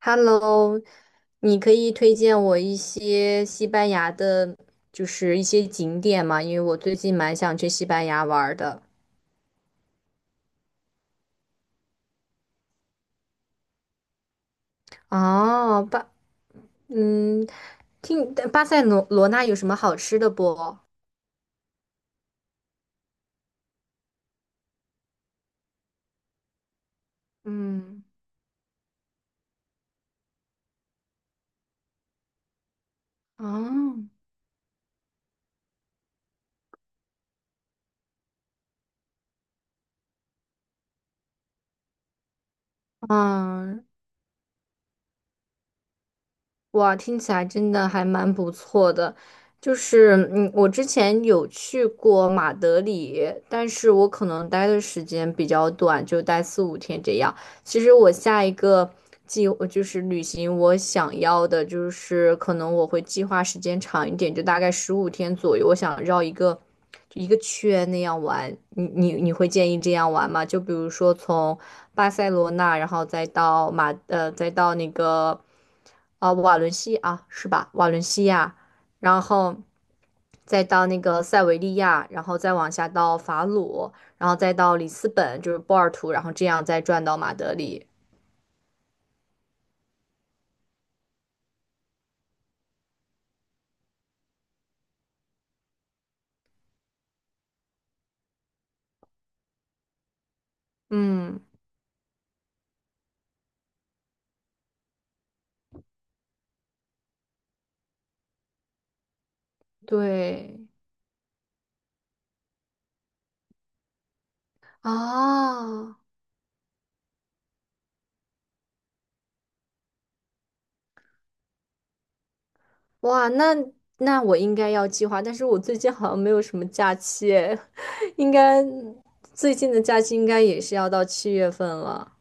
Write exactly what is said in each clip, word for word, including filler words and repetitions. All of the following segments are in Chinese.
Hello，你可以推荐我一些西班牙的，就是一些景点吗？因为我最近蛮想去西班牙玩儿的。哦，巴，嗯，听巴塞罗罗那有什么好吃的不？嗯，哦，嗯，哇，听起来真的还蛮不错的。就是，嗯，我之前有去过马德里，但是我可能待的时间比较短，就待四五天这样。其实我下一个计呃就是旅行，我想要的就是可能我会计划时间长一点，就大概十五天左右。我想绕一个就一个圈那样玩。你你你会建议这样玩吗？就比如说从巴塞罗那，然后再到马呃，再到那个呃瓦伦西啊，是吧？瓦伦西亚，然后再到那个塞维利亚，然后再往下到法鲁，然后再到里斯本，就是波尔图，然后这样再转到马德里。嗯，对。啊，哇，那那我应该要计划，但是我最近好像没有什么假期诶，应该最近的假期应该也是要到七月份了。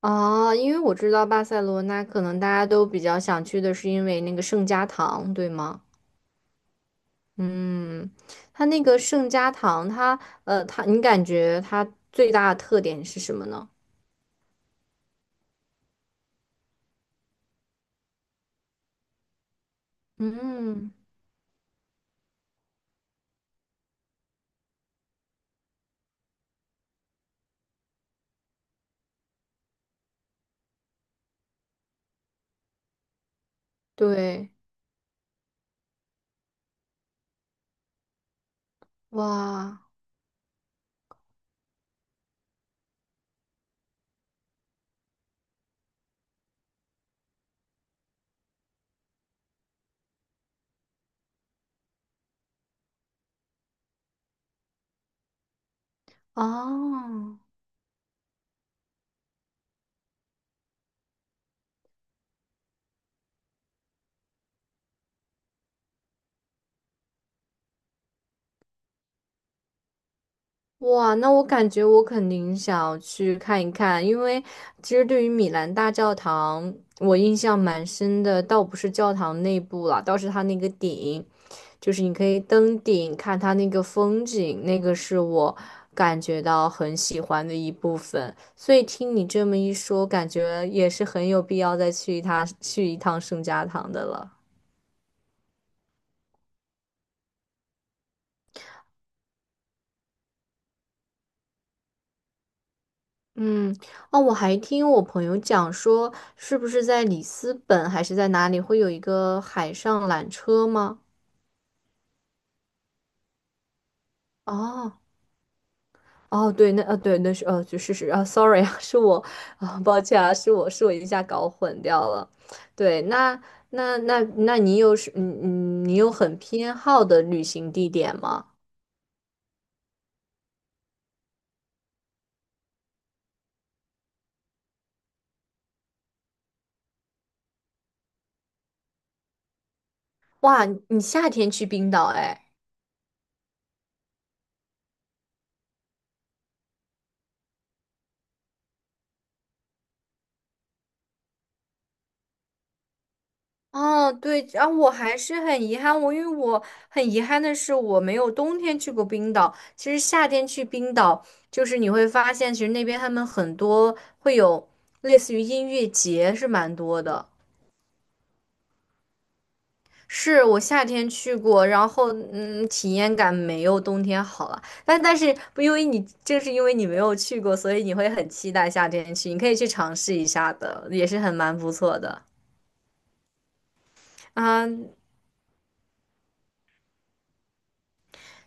啊，因为我知道巴塞罗那可能大家都比较想去的是因为那个圣家堂，对吗？嗯，它那个圣家堂，它呃，它你感觉它最大的特点是什么呢？嗯，对，哇，哦。哇，那我感觉我肯定想要去看一看，因为其实对于米兰大教堂，我印象蛮深的，倒不是教堂内部了，倒是它那个顶，就是你可以登顶看它那个风景，那个是我感觉到很喜欢的一部分。所以听你这么一说，感觉也是很有必要再去一趟去一趟圣家堂的了。嗯，哦，我还听我朋友讲说，是不是在里斯本还是在哪里会有一个海上缆车吗？哦，哦，对，那呃，对，那是呃，就是是啊，sorry 啊，是我啊，抱歉啊，是我是我一下搞混掉了。对，那那那那你有是嗯嗯，你有很偏好的旅行地点吗？哇，你夏天去冰岛哎。哦，对，然后我还是很遗憾，我因为我很遗憾的是，我没有冬天去过冰岛。其实夏天去冰岛，就是你会发现，其实那边他们很多会有类似于音乐节，是蛮多的。是我夏天去过，然后嗯，体验感没有冬天好了。但但是不因为你正是因为你没有去过，所以你会很期待夏天去，你可以去尝试一下的，也是很蛮不错的。啊，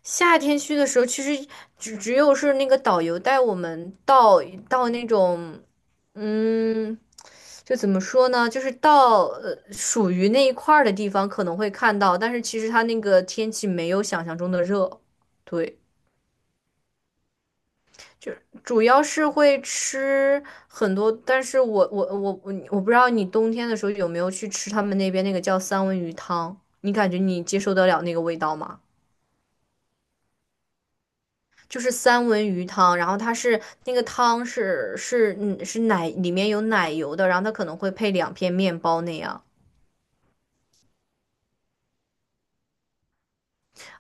夏天去的时候，其实只只有是那个导游带我们到到那种，嗯，就怎么说呢，就是到呃属于那一块儿的地方可能会看到，但是其实它那个天气没有想象中的热，对。就是主要是会吃很多，但是我我我我我不知道你冬天的时候有没有去吃他们那边那个叫三文鱼汤，你感觉你接受得了那个味道吗？就是三文鱼汤，然后它是那个汤是是嗯是奶里面有奶油的，然后它可能会配两片面包那样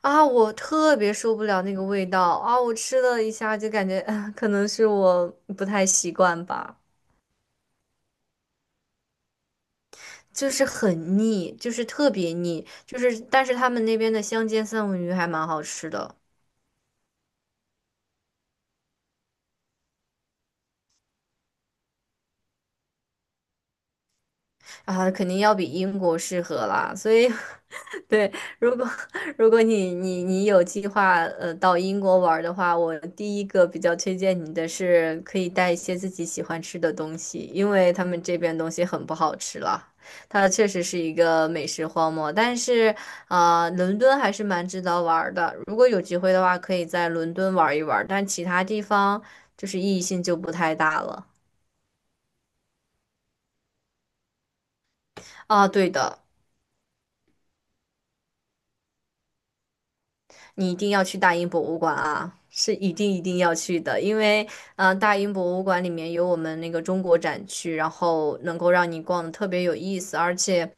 啊，我特别受不了那个味道啊，我吃了一下就感觉，啊，可能是我不太习惯吧，就是很腻，就是特别腻，就是但是他们那边的香煎三文鱼还蛮好吃的。啊，肯定要比英国适合啦。所以，对，如果如果你你你有计划呃到英国玩儿的话，我第一个比较推荐你的是可以带一些自己喜欢吃的东西，因为他们这边东西很不好吃了。它确实是一个美食荒漠，但是啊、呃伦敦还是蛮值得玩儿的。如果有机会的话，可以在伦敦玩一玩儿但其他地方就是意义性就不太大了。啊，对的，你一定要去大英博物馆啊，是一定一定要去的，因为嗯、呃大英博物馆里面有我们那个中国展区，然后能够让你逛的特别有意思，而且。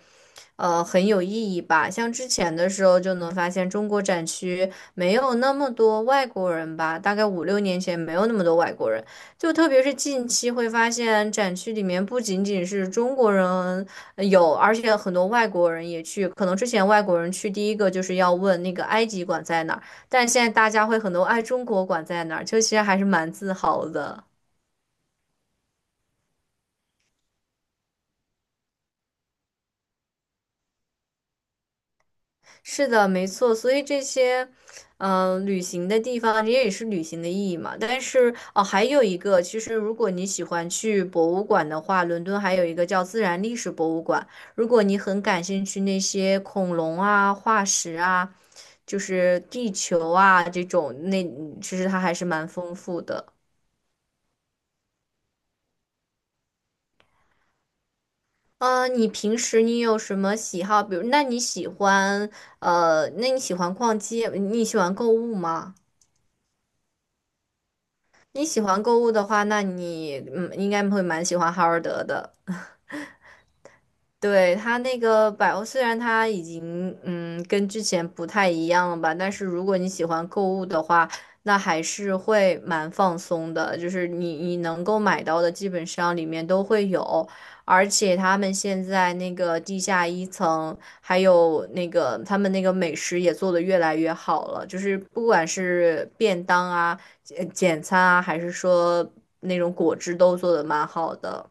呃很有意义吧。像之前的时候就能发现中国展区没有那么多外国人吧，大概五六年前没有那么多外国人，就特别是近期会发现展区里面不仅仅是中国人呃有，而且很多外国人也去。可能之前外国人去第一个就是要问那个埃及馆在哪儿，但现在大家会很多哎中国馆在哪儿，就其实还是蛮自豪的。是的，没错，所以这些，嗯、旅行的地方，这也是旅行的意义嘛。但是哦，还有一个，其实如果你喜欢去博物馆的话，伦敦还有一个叫自然历史博物馆。如果你很感兴趣那些恐龙啊、化石啊，就是地球啊这种，那其实它还是蛮丰富的。嗯，你平时你有什么喜好？比如，那你喜欢呃，那你喜欢逛街，你喜欢购物吗？你喜欢购物的话，那你嗯应该会蛮喜欢哈尔德的。对，它那个百欧，虽然它已经嗯跟之前不太一样了吧，但是如果你喜欢购物的话，那还是会蛮放松的。就是你你能够买到的，基本上里面都会有，而且他们现在那个地下一层，还有那个他们那个美食也做得越来越好了，就是不管是便当啊、简简餐啊，还是说那种果汁都做的蛮好的。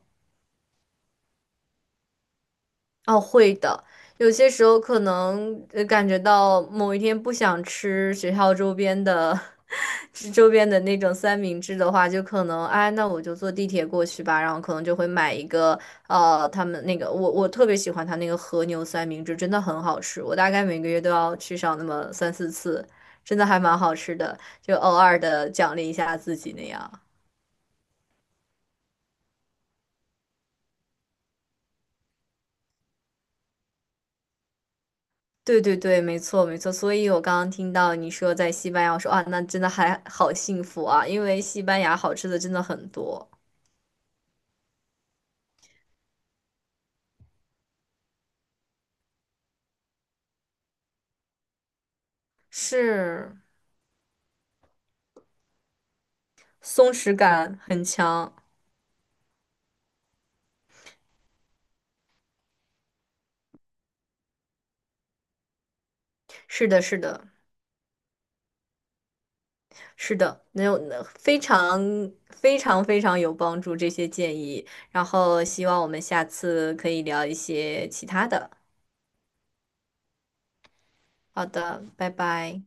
哦，会的。有些时候可能呃感觉到某一天不想吃学校周边的，吃周边的那种三明治的话，就可能哎，那我就坐地铁过去吧。然后可能就会买一个呃，他们那个我我特别喜欢他那个和牛三明治，真的很好吃。我大概每个月都要去上那么三四次，真的还蛮好吃的，就偶尔的奖励一下自己那样。对对对，没错没错，所以我刚刚听到你说在西班牙，我说啊，那真的还好幸福啊，因为西班牙好吃的真的很多，是松弛感很强，是的，是的，是的，能有那非常非常非常有帮助这些建议，然后希望我们下次可以聊一些其他的。好的，拜拜。